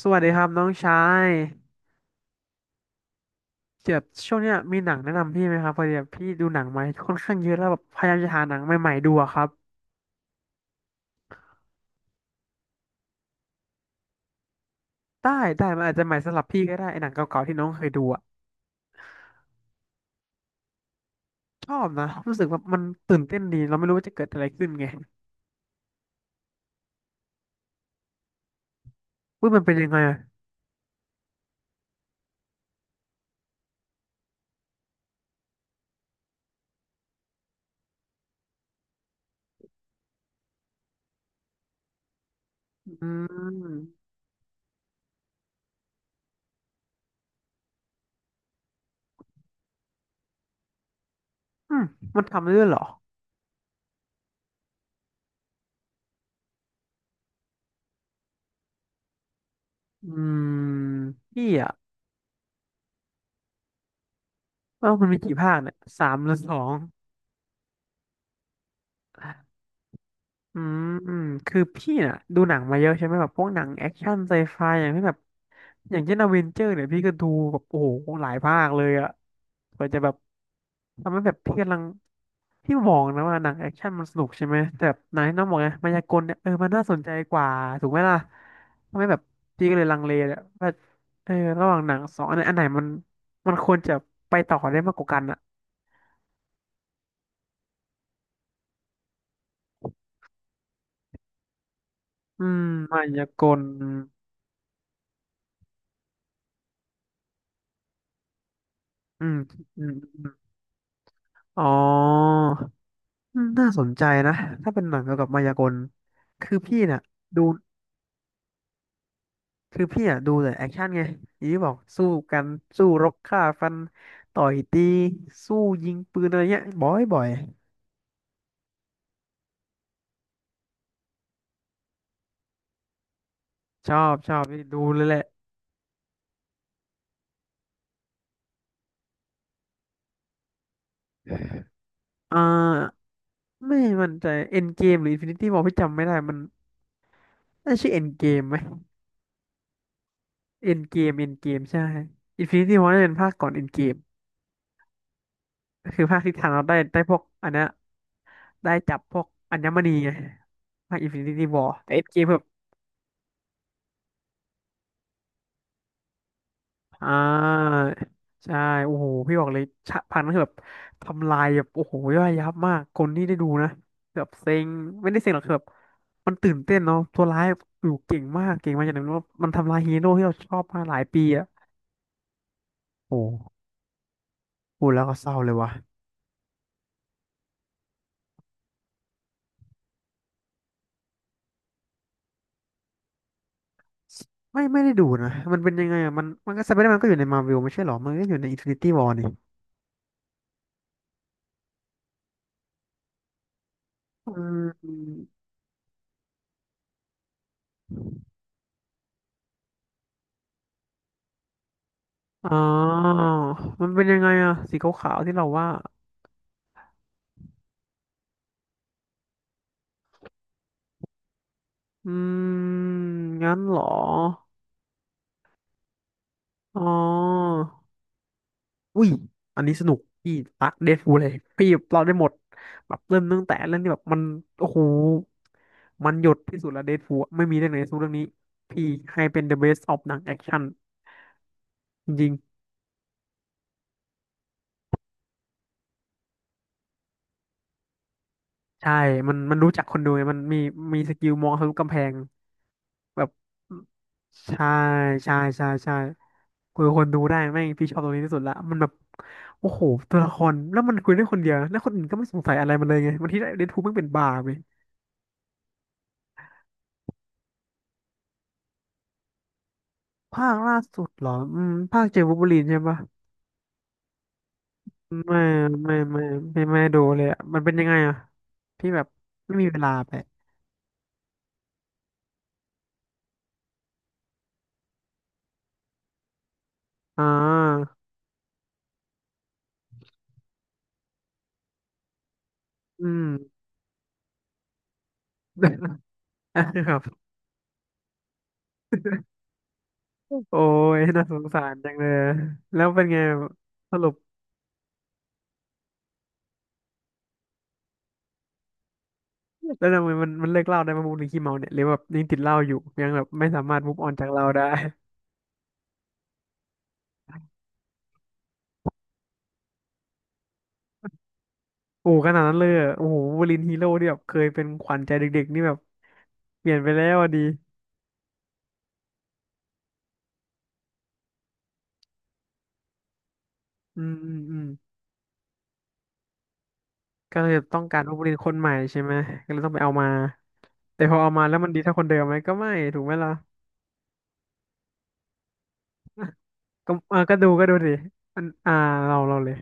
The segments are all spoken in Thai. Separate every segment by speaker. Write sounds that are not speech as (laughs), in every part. Speaker 1: สวัสดีครับน้องชายเดี๋ยวช่วงเนี้ยมีหนังแนะนำพี่ไหมครับพอดีแบบพี่ดูหนังมาค่อนข้างเยอะแล้วแบบพยายามจะหาหนังใหม่ๆดูอะครับได้ได้มันอาจจะใหม่สำหรับพี่ก็ได้ไอ้หนังเก่าๆที่น้องเคยดูอะชอบนะรู้สึกว่ามันตื่นเต้นดีเราไม่รู้ว่าจะเกิดอะไรขึ้นไงว่ามันเป็นยังไงอะอืมอืมมันทำได้ด้วยเหรออืมพี่อะว่ามันมีกี่ภาคเนี่ยสามหรือสอง อืมอืมคือพี่น่ะดูหนังมาเยอะใช่ไหมแบบพวกหนังแอคชั่นไซไฟอย่างที่แบบอย่างเช่นอเวนเจอร์เนี่ยพี่ก็ดูแบบโอ้โหหลายภาคเลยอะกว่าจะแบบทำให้แบบพี่กำลังพี่มองนะว่าหนังแอคชั่นมันสนุกใช่ไหมแต่แบบหนังที่น้องบอกไงมายากลเนี่ยเออมันน่าสนใจกว่าถูกไหมล่ะทำให้แบบพี่ก็เลยลังเลเนี่ยว่าเออระหว่างหนังสองอันไหนอันไหนมันมันควรจะไปต่อได้มากกว่ากันอะอืมมายากลอืมอืมอมอ๋อ อืมน่าสนใจนะถ้าเป็นหนังเกี่ยวกับมายากลคือพี่เนี่ยดูคือพี่อ่ะดูแต่แอคชั่นไงอย่างที่บอกสู้กันสู้รบฆ่าฟันต่อยตีสู้ยิงปืนอะไรเงี้ยบ่อยบ่อยชอบชอบดูเลยแหละเอ่าไม่มั่นใจเอ็นเกมหรืออินฟินิตี้วอพี่จำไม่ได้มันน่าชื่อเอ็นเกมไหมเอ็นเกมเอ็นเกมใช่อินฟินิตี้วอน่าจะเป็นภาคก่อนเอ็นเกมคือภาคที่ทานเราได้ได้พวกอันเนี้ยได้จับพวกอัญมณีไงภาคอินฟินิตี้วอร์เอ็นเกม อ่าใช่โอ้โหพี่บอกเลยฉาพันนั้นคือแบบทำลายแบบโอ้โหย่อยยับมากคนที่ได้ดูนะแบบเซ็งไม่ได้เซ็งหรอกคือแบบมันตื่นเต้นเนาะตัวร้ายอยู่เก่งมากเก่งมากอย่างนั้นว่ามันทำลายฮีโร่ที่เราชอบมาหลายปีอะโอ้โหพูดแล้วก็เศร้าเลยวะไม่ไม่ได้ดูนะมันเป็นยังไงอะมันมันก็สไปเดอร์แมนก็อยู่ในมาร์เวลไม่ใช่หรอมันก็อยู่ในอินฟินิตี้วอร์นี่อืมอ๋อมันเป็นยังไงอะสีขาวๆที่เราว่าอืมงั้นเหรอ อ๋ออุ้ยอันนี้สนุกพี่รักเดดพูลเลยพี่เราได้หมด แบบเริ่มตั้งแต่เรื่องที่แบบมัน โอ้โห มันหยดที่สุดแล้วเดดพูลไม่มีเรื่องไหนสู้เรื่องนี้พี่ให้เป็น the best of หนังแอคชั่นจริงๆใช่มันมันรู้จักคนดูไงมันมีมีสกิลมองทะลุกำแพงแบบใช่ใช่ใช่ใช่คุยกับคนดูได้แม่งพี่ชอบตรงนี้ที่สุดละมันแบบโอ้โห ตัวละครแล้วมันคุยได้คนเดียวนะแล้วคนอื่นก็ไม่สงสัยอะไรมันเลยไงบางทีเดดพูลแม่งเป็นบ้าไป ภาคล่าสุดเหรออืมภาคเจอวูล์ฟเวอรีนใช่ปะไม่ไม่ไม่ไม่ไม่ดูเลยอะมันเป็นยังไงอะพี่แบบไม่มีเวลาไปอ่าอืม (laughs) ครับ โอ้ยน่าสงสารจังเลย แล้วเป็นไงสรุปแล้วทำไมมันมันเลิกเหล้าได้มาบูหรือขี้เมาเนี่ยหรือแบบยังติดเหล้าอยู่ยังแบบไม่สามารถ move on จากเหล้าได้ โอ้ขนาดนั้นเลยเหรอโอ้โหวูล์ฟเวอรีนฮีโร่ที่แบบเคยเป็นขวัญใจเด็กๆนี่แบบเปลี่ยนไปแล้วอะดีอืมอืมอืม ก็เลยต้องการนักเรียนคนใหม่ใช่ไหมก็เลยต้องไปเอามาแต่พอเอามาแล้วมันดีเท่าคนเดิมไหมก็ไม่ถูกไหมล่ะก็เออก็ดูก็ดูดิอันอ่าเราเราเลย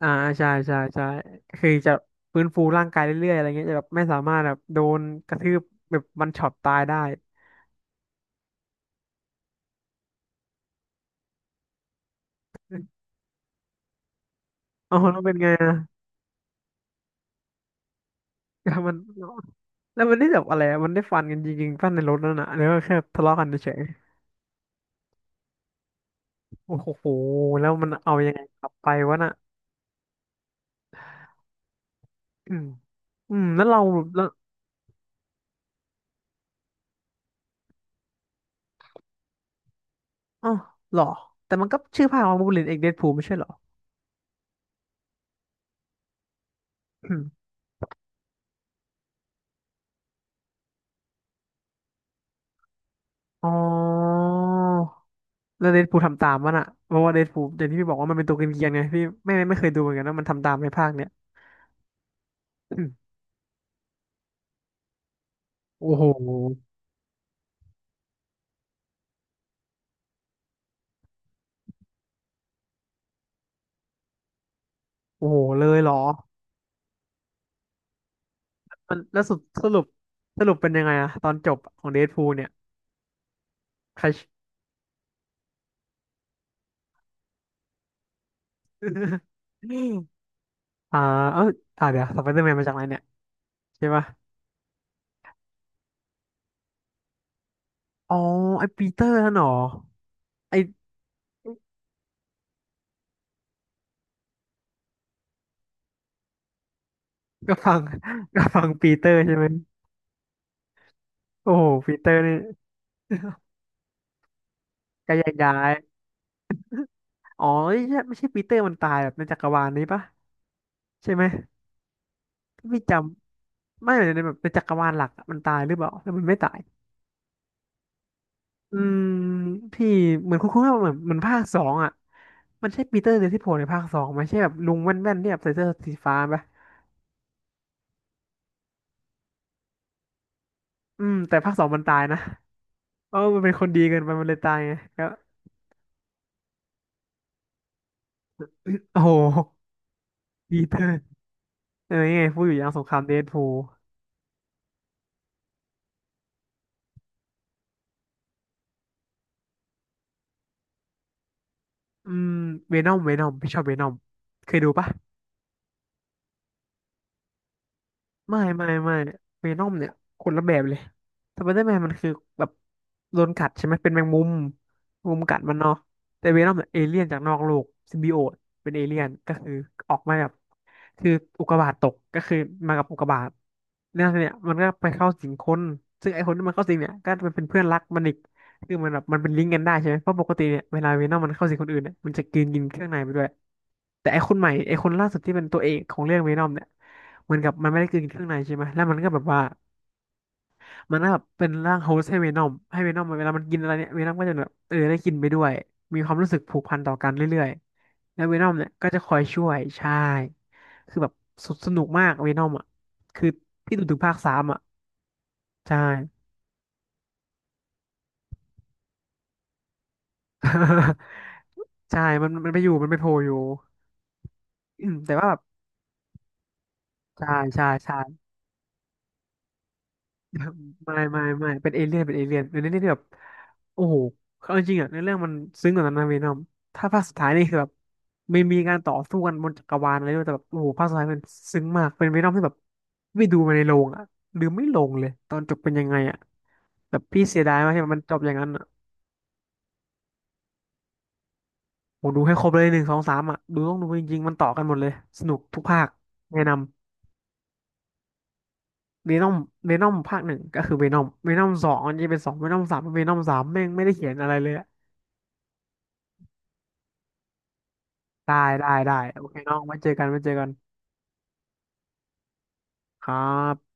Speaker 1: อ่าใช่ใช่ใช่ก็คือจะฟื้นฟูร่างกายเรื่อยๆอะไรเงี้ยจะแบบไม่สามารถแบบโดนกระทืบแบบมันช็อตตายได้ (laughs) อ๋อแล้วเป็นไงอะก็มันแล้วมันได้แบบอะไรอะมันได้ฟันกันจริงๆฟันในรถนั่นน่ะหรือว่าแค่ทะเลาะกันเฉยๆโอ้โหแล้วมันเอายังไงกลับไปวะน่ะอืมอืมแล้วเรา อ๋อเหรอแต่มันก็ชื่อภาคว่าบูลลินเอกเดดพูลไม่ใช่เหรออืม (clears throat) อ๋อแล้วเดดพูลทำตามมันอะเพราะว่าเดดพูลอย่างที่พี่บอกว่ามันเป็นตัวเกรียนๆไงพี่ไม่เคยดูเหมือนกันว่ามันทำตามในภาคเนี้ย (clears throat) อืมโอ้โหโอ้โหเลยเหรอมันแล้วสุดสรุปสรุปเป็นยังไงอะตอนจบของเดดพูลเนี่ยใคร (laughs) อ่าเออเดี๋ยวสไปเดอร์แมนมาจากไหนเนี่ยใช่ปะอ๋อไอปีเตอร์นั่นเหรอไอกระฟังกระฟังปีเตอร์ใช่ไหมโอ้โหปีเตอร์นี่ ก็แยกย้ายอ๋อไม่ใช่ไม่ใช่ปีเตอร์มันตายแบบในจักรวาลนี้ปะใช่ไหมไม่จำไม่ในแบบในจักรวาลหลักอะมันตายหรือเปล่าแล้วมันไม่ตายอืมพี่เหมือนคุ้นๆว่าเหมือนเหมือนภาคสองอ่ะมันใช่ปีเตอร์เดลที่โผล่ในภาคสองไหมใช่แบบลุงแว่นๆที่แบบใส่เสื้อสีฟ้าปะอืมแต่ภาคสองมันตายนะเออมันเป็นคนดีเกินไปมันเลยตายไงก็โอ้โหปีเตอร์เออยังไงพูดอยู่อย่างสงครามเดดพูลอืมเวนอมเวนอมพี่ชอบเวนอมเคยดูปะ ไม่ไม่ไม่เวนอมเนี่ยคนละแบบเลยสไปเดอร์แมนมันคือแบบโดนกัดใช่ไหมเป็นแมงมุมแมงมุมกัดมันเนาะแต่เวนอมเนี่ยเอเลี่ยนจากนอกโลกซิมบิโอตเป็นเอเลี่ยนก็คือออกมาแบบคืออุกกาบาตตกก็คือมากับอุกกาบาตเนี่ยเนี่ยมันก็ไปเข้าสิงคนซึ่งไอ้คนที่มันเข้าสิงเนี่ยก็มันเป็นเพื่อนรักมันอีกคือมันแบบมันเป็นลิงก์กันได้ใช่ไหมเพราะปกติเนี่ยเวลาเวนอมมันเข้าสิงคนอื่นเนี่ยมันจะกินกินเครื่องในไปด้วย แต่ไอคนใหม่ไอคนล่าสุดที่เป็นตัวเอกของเรื่องเวนอมเนี่ยเหมือนกับมันไม่ได้กินเครื่องในใช่ไหมแล้วมันก็แบบว่ามันก็แบบเป็นร่างโฮสต์ให้เวนอมให้เวนอมเวลามันกินอะไรเนี่ยเวนอมก็จะแบบเออได้กินไปด้วยมีความรู้สึกผูกพันต่อกันเรื่อยๆแล้วเวนอมเนี่ยก็จะคอยช่วยใช่คือแบบสสนุกมากเวนอมอ่ะคือพี่ดูถึงภาคสามอ่ะใช่ (laughs) ใช่มันไปอยู่มันไปโผล่อยู่อืมแต่ว่าแบบใช่ใช่ใช่ ไม่ไม่ไม่เป็นเอเลี่ยนเป็นเอเลี่ยนเป็นเอเลี่ยนที่แบบโอ้โหเอาจริงๆอ่ะในเรื่องมันซึ้งกว่านั้นนะเวนอมถ้าภาคสุดท้ายนี่คือแบบไม่มีการต่อสู้กันบนจักรวาลอะไรด้วยแต่แบบโอ้โหภาคสุดท้ายมันซึ้งมากเป็นเวนอมที่แบบไม่ดูมาในโรงอ่ะหือไม่ลงเลยตอนจบเป็นยังไงอ่ะแบบพี่เสียดายมากที่มันจบอย่างนั้นอ่ะผมดูให้ครบเลยหนึ่งสองสามอ่ะดูต้องดูจริงๆมันต่อกันหมดเลยสนุกทุกภาคแนะนำเวนอมเวนอมภาคหนึ่งก็คือเวนอมเวนอมสองมันจะเป็นสองเวนอมสามเวนอมสามแม่งไม่ได้เขียนอะไรเลย ได้ได้โอเคน้องไว้เจอกันไว้เจอกันครับ